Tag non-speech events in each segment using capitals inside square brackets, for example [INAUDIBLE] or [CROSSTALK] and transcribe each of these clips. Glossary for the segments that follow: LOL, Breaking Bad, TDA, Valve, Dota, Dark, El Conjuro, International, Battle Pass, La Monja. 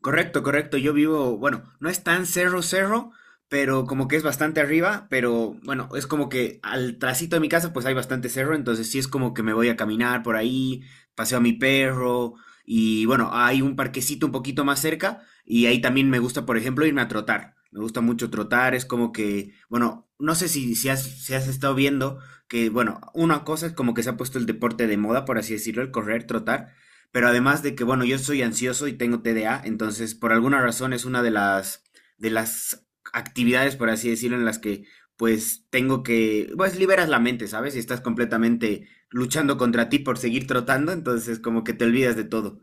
Correcto, correcto. Yo vivo, bueno, no es tan cerro cerro, pero como que es bastante arriba. Pero bueno, es como que al trasito de mi casa pues hay bastante cerro, entonces sí es como que me voy a caminar por ahí, paseo a mi perro. Y bueno, hay un parquecito un poquito más cerca y ahí también me gusta, por ejemplo, irme a trotar. Me gusta mucho trotar. Es como que, bueno, no sé si has estado viendo que, bueno, una cosa es como que se ha puesto el deporte de moda, por así decirlo, el correr, trotar. Pero además de que, bueno, yo soy ansioso y tengo TDA, entonces por alguna razón es una de las actividades, por así decirlo, en las que pues tengo que, pues liberas la mente, ¿sabes? Y estás completamente luchando contra ti por seguir trotando, entonces como que te olvidas de todo.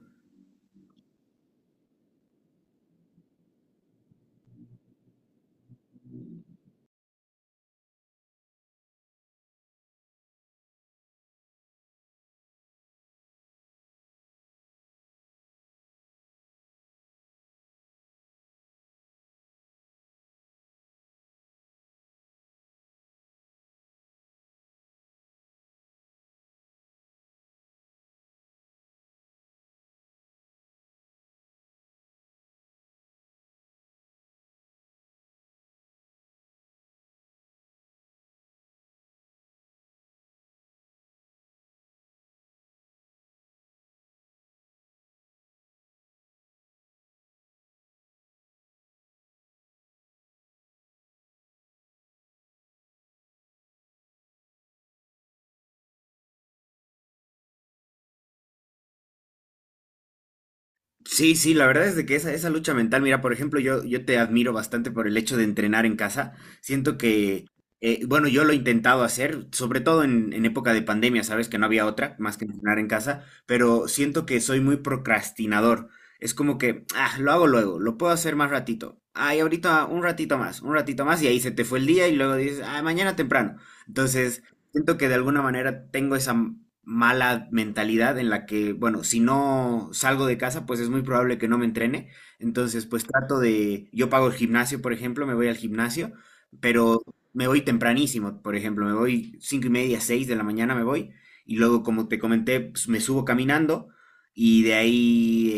Sí, sí, la verdad es de que esa lucha mental, mira, por ejemplo, yo te admiro bastante por el hecho de entrenar en casa. Siento que, bueno, yo lo he intentado hacer, sobre todo en época de pandemia, sabes que no había otra más que entrenar en casa, pero siento que soy muy procrastinador. Es como que, ah, lo hago luego, lo puedo hacer más ratito. Ay, ahorita un ratito más, y ahí se te fue el día y luego dices, ah, mañana temprano. Entonces, siento que de alguna manera tengo esa mala mentalidad en la que, bueno, si no salgo de casa, pues es muy probable que no me entrene. Entonces, pues trato de, yo pago el gimnasio, por ejemplo, me voy al gimnasio, pero me voy tempranísimo. Por ejemplo, me voy 5:30, 6 de la mañana me voy, y luego, como te comenté, pues me subo caminando. Y de ahí,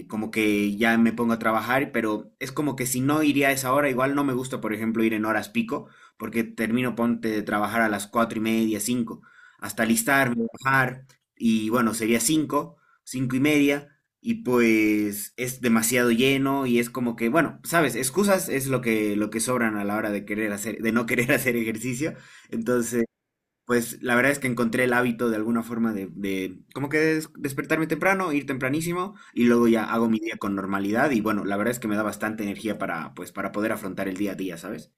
como que ya me pongo a trabajar, pero es como que si no iría a esa hora. Igual no me gusta, por ejemplo, ir en horas pico, porque termino, ponte, de trabajar a las 4:30, cinco, hasta alistarme, bajar, y bueno, sería cinco, 5:30, y pues es demasiado lleno. Y es como que, bueno, sabes, excusas es lo que sobran a la hora de querer hacer, de no querer [LAUGHS] hacer ejercicio. Entonces, pues la verdad es que encontré el hábito de alguna forma de como que despertarme temprano, ir tempranísimo, y luego ya hago mi día con normalidad, y bueno, la verdad es que me da bastante energía para, pues, para poder afrontar el día a día, ¿sabes?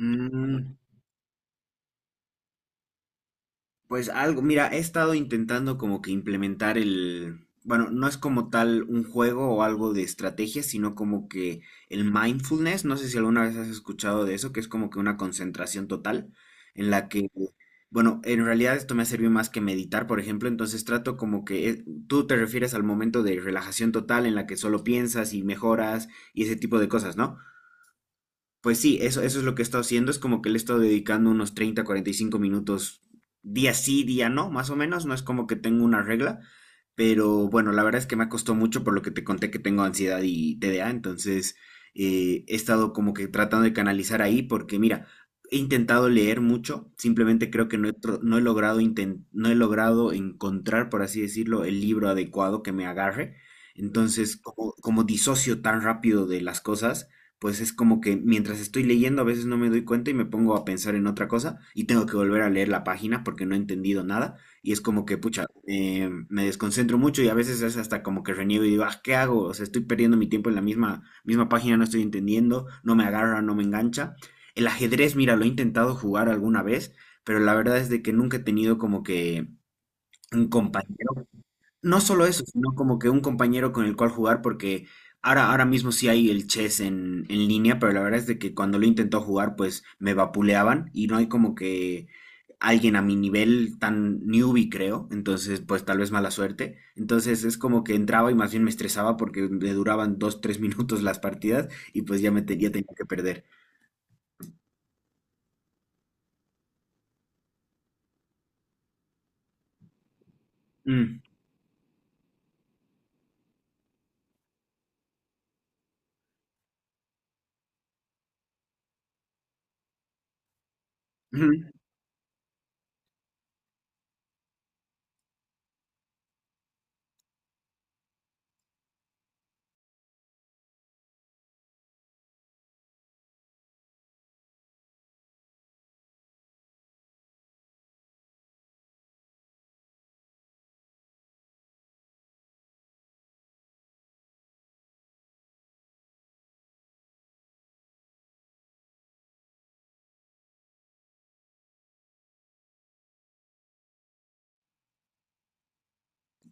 Mm. Pues algo, mira, he estado intentando como que implementar el, bueno, no es como tal un juego o algo de estrategia, sino como que el mindfulness. No sé si alguna vez has escuchado de eso, que es como que una concentración total, en la que, bueno, en realidad esto me ha servido más que meditar, por ejemplo. Entonces trato como que, tú te refieres al momento de relajación total en la que solo piensas y mejoras y ese tipo de cosas, ¿no? Pues sí, eso es lo que he estado haciendo. Es como que le he estado dedicando unos 30, 45 minutos día sí, día no, más o menos. No es como que tengo una regla. Pero bueno, la verdad es que me costado mucho por lo que te conté que tengo ansiedad y TDA. Entonces, he estado como que tratando de canalizar ahí, porque mira, he intentado leer mucho. Simplemente creo que no he, no he logrado no he logrado encontrar, por así decirlo, el libro adecuado que me agarre. Entonces, como disocio tan rápido de las cosas, pues es como que mientras estoy leyendo a veces no me doy cuenta y me pongo a pensar en otra cosa y tengo que volver a leer la página porque no he entendido nada. Y es como que, pucha, me desconcentro mucho, y a veces es hasta como que reniego y digo, ah, ¿qué hago? O sea, estoy perdiendo mi tiempo en la misma, misma página, no estoy entendiendo, no me agarra, no me engancha. El ajedrez, mira, lo he intentado jugar alguna vez, pero la verdad es de que nunca he tenido como que un compañero, no solo eso, sino como que un compañero con el cual jugar, porque ahora mismo sí hay el chess en línea. Pero la verdad es de que cuando lo intentó jugar, pues me vapuleaban y no hay como que alguien a mi nivel tan newbie, creo. Entonces, pues tal vez mala suerte. Entonces es como que entraba y más bien me estresaba porque le duraban dos, tres [LAUGHS] minutos las partidas y pues ya me ya tenía que perder. Mm, ujú,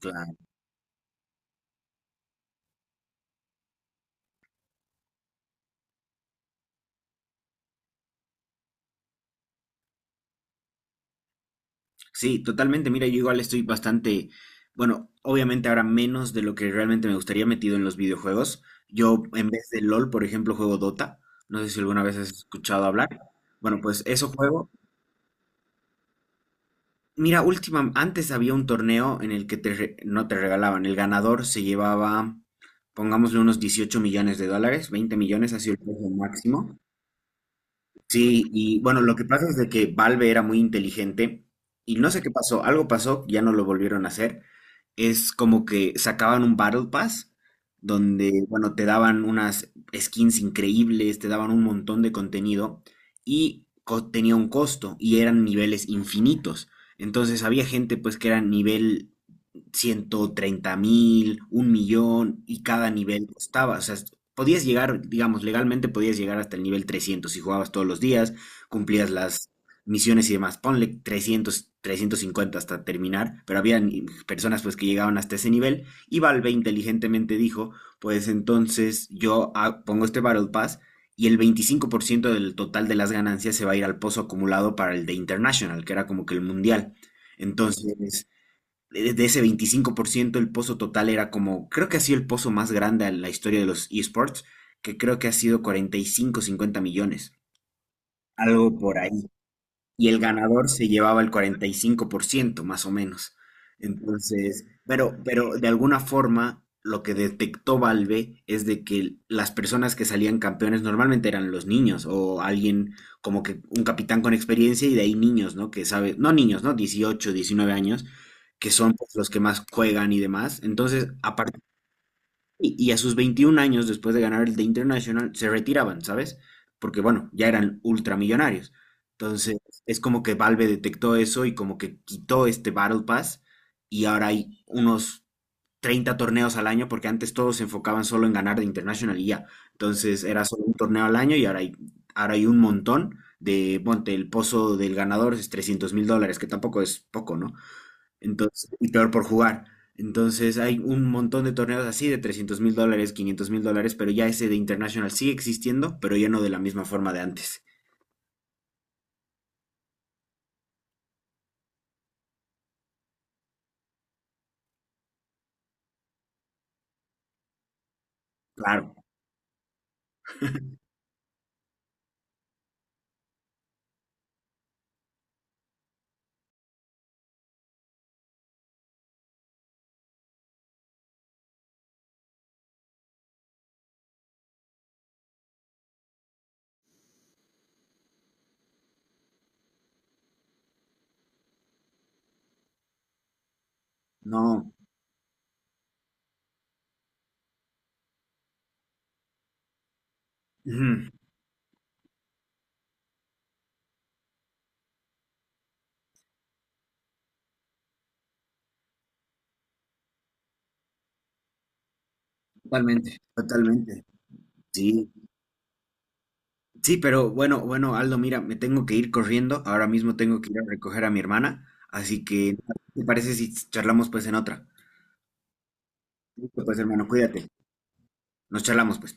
claro. Sí, totalmente. Mira, yo igual estoy bastante, bueno, obviamente ahora menos de lo que realmente me gustaría metido en los videojuegos. Yo en vez de LOL, por ejemplo, juego Dota. No sé si alguna vez has escuchado hablar. Bueno, pues eso juego. Mira, última, antes había un torneo en el que te no te regalaban. El ganador se llevaba, pongámosle, unos 18 millones de dólares. 20 millones ha sido el precio máximo. Sí, y bueno, lo que pasa es de que Valve era muy inteligente y no sé qué pasó, algo pasó, ya no lo volvieron a hacer. Es como que sacaban un Battle Pass donde, bueno, te daban unas skins increíbles, te daban un montón de contenido y tenía un costo y eran niveles infinitos. Entonces había gente pues que era nivel 130 mil, un millón, y cada nivel costaba. O sea, podías llegar, digamos, legalmente podías llegar hasta el nivel 300 si jugabas todos los días, cumplías las misiones y demás. Ponle 300, 350 hasta terminar. Pero había personas pues que llegaban hasta ese nivel, y Valve inteligentemente dijo, pues entonces yo, pongo este Battle Pass y el 25% del total de las ganancias se va a ir al pozo acumulado para el de International, que era como que el mundial. Entonces, de ese 25%, el pozo total era como, creo que ha sido el pozo más grande en la historia de los esports, que creo que ha sido 45, 50 millones, algo por ahí, y el ganador se llevaba el 45% más o menos. Entonces, pero de alguna forma, lo que detectó Valve es de que las personas que salían campeones normalmente eran los niños o alguien como que un capitán con experiencia y de ahí niños, ¿no? Que sabe, no niños, ¿no?, 18, 19 años, que son pues los que más juegan y demás. Entonces, y a sus 21 años, después de ganar el The International, se retiraban, ¿sabes? Porque, bueno, ya eran ultramillonarios. Entonces, es como que Valve detectó eso y como que quitó este Battle Pass, y ahora hay unos 30 torneos al año, porque antes todos se enfocaban solo en ganar de International y ya. Entonces, era solo un torneo al año, y ahora hay un montón de, ponte, el pozo del ganador es 300 mil dólares, que tampoco es poco, ¿no? Entonces, y peor por jugar. Entonces hay un montón de torneos así de 300 mil dólares, 500 mil dólares, pero ya ese de International sigue existiendo, pero ya no de la misma forma de antes. Claro, no. Ujú. Totalmente, totalmente. Sí, sí. Pero bueno, bueno, Aldo, mira, me tengo que ir corriendo. Ahora mismo tengo que ir a recoger a mi hermana. Así que, ¿te parece si charlamos pues en otra? Listo. Pues, hermano, cuídate. Nos charlamos pues.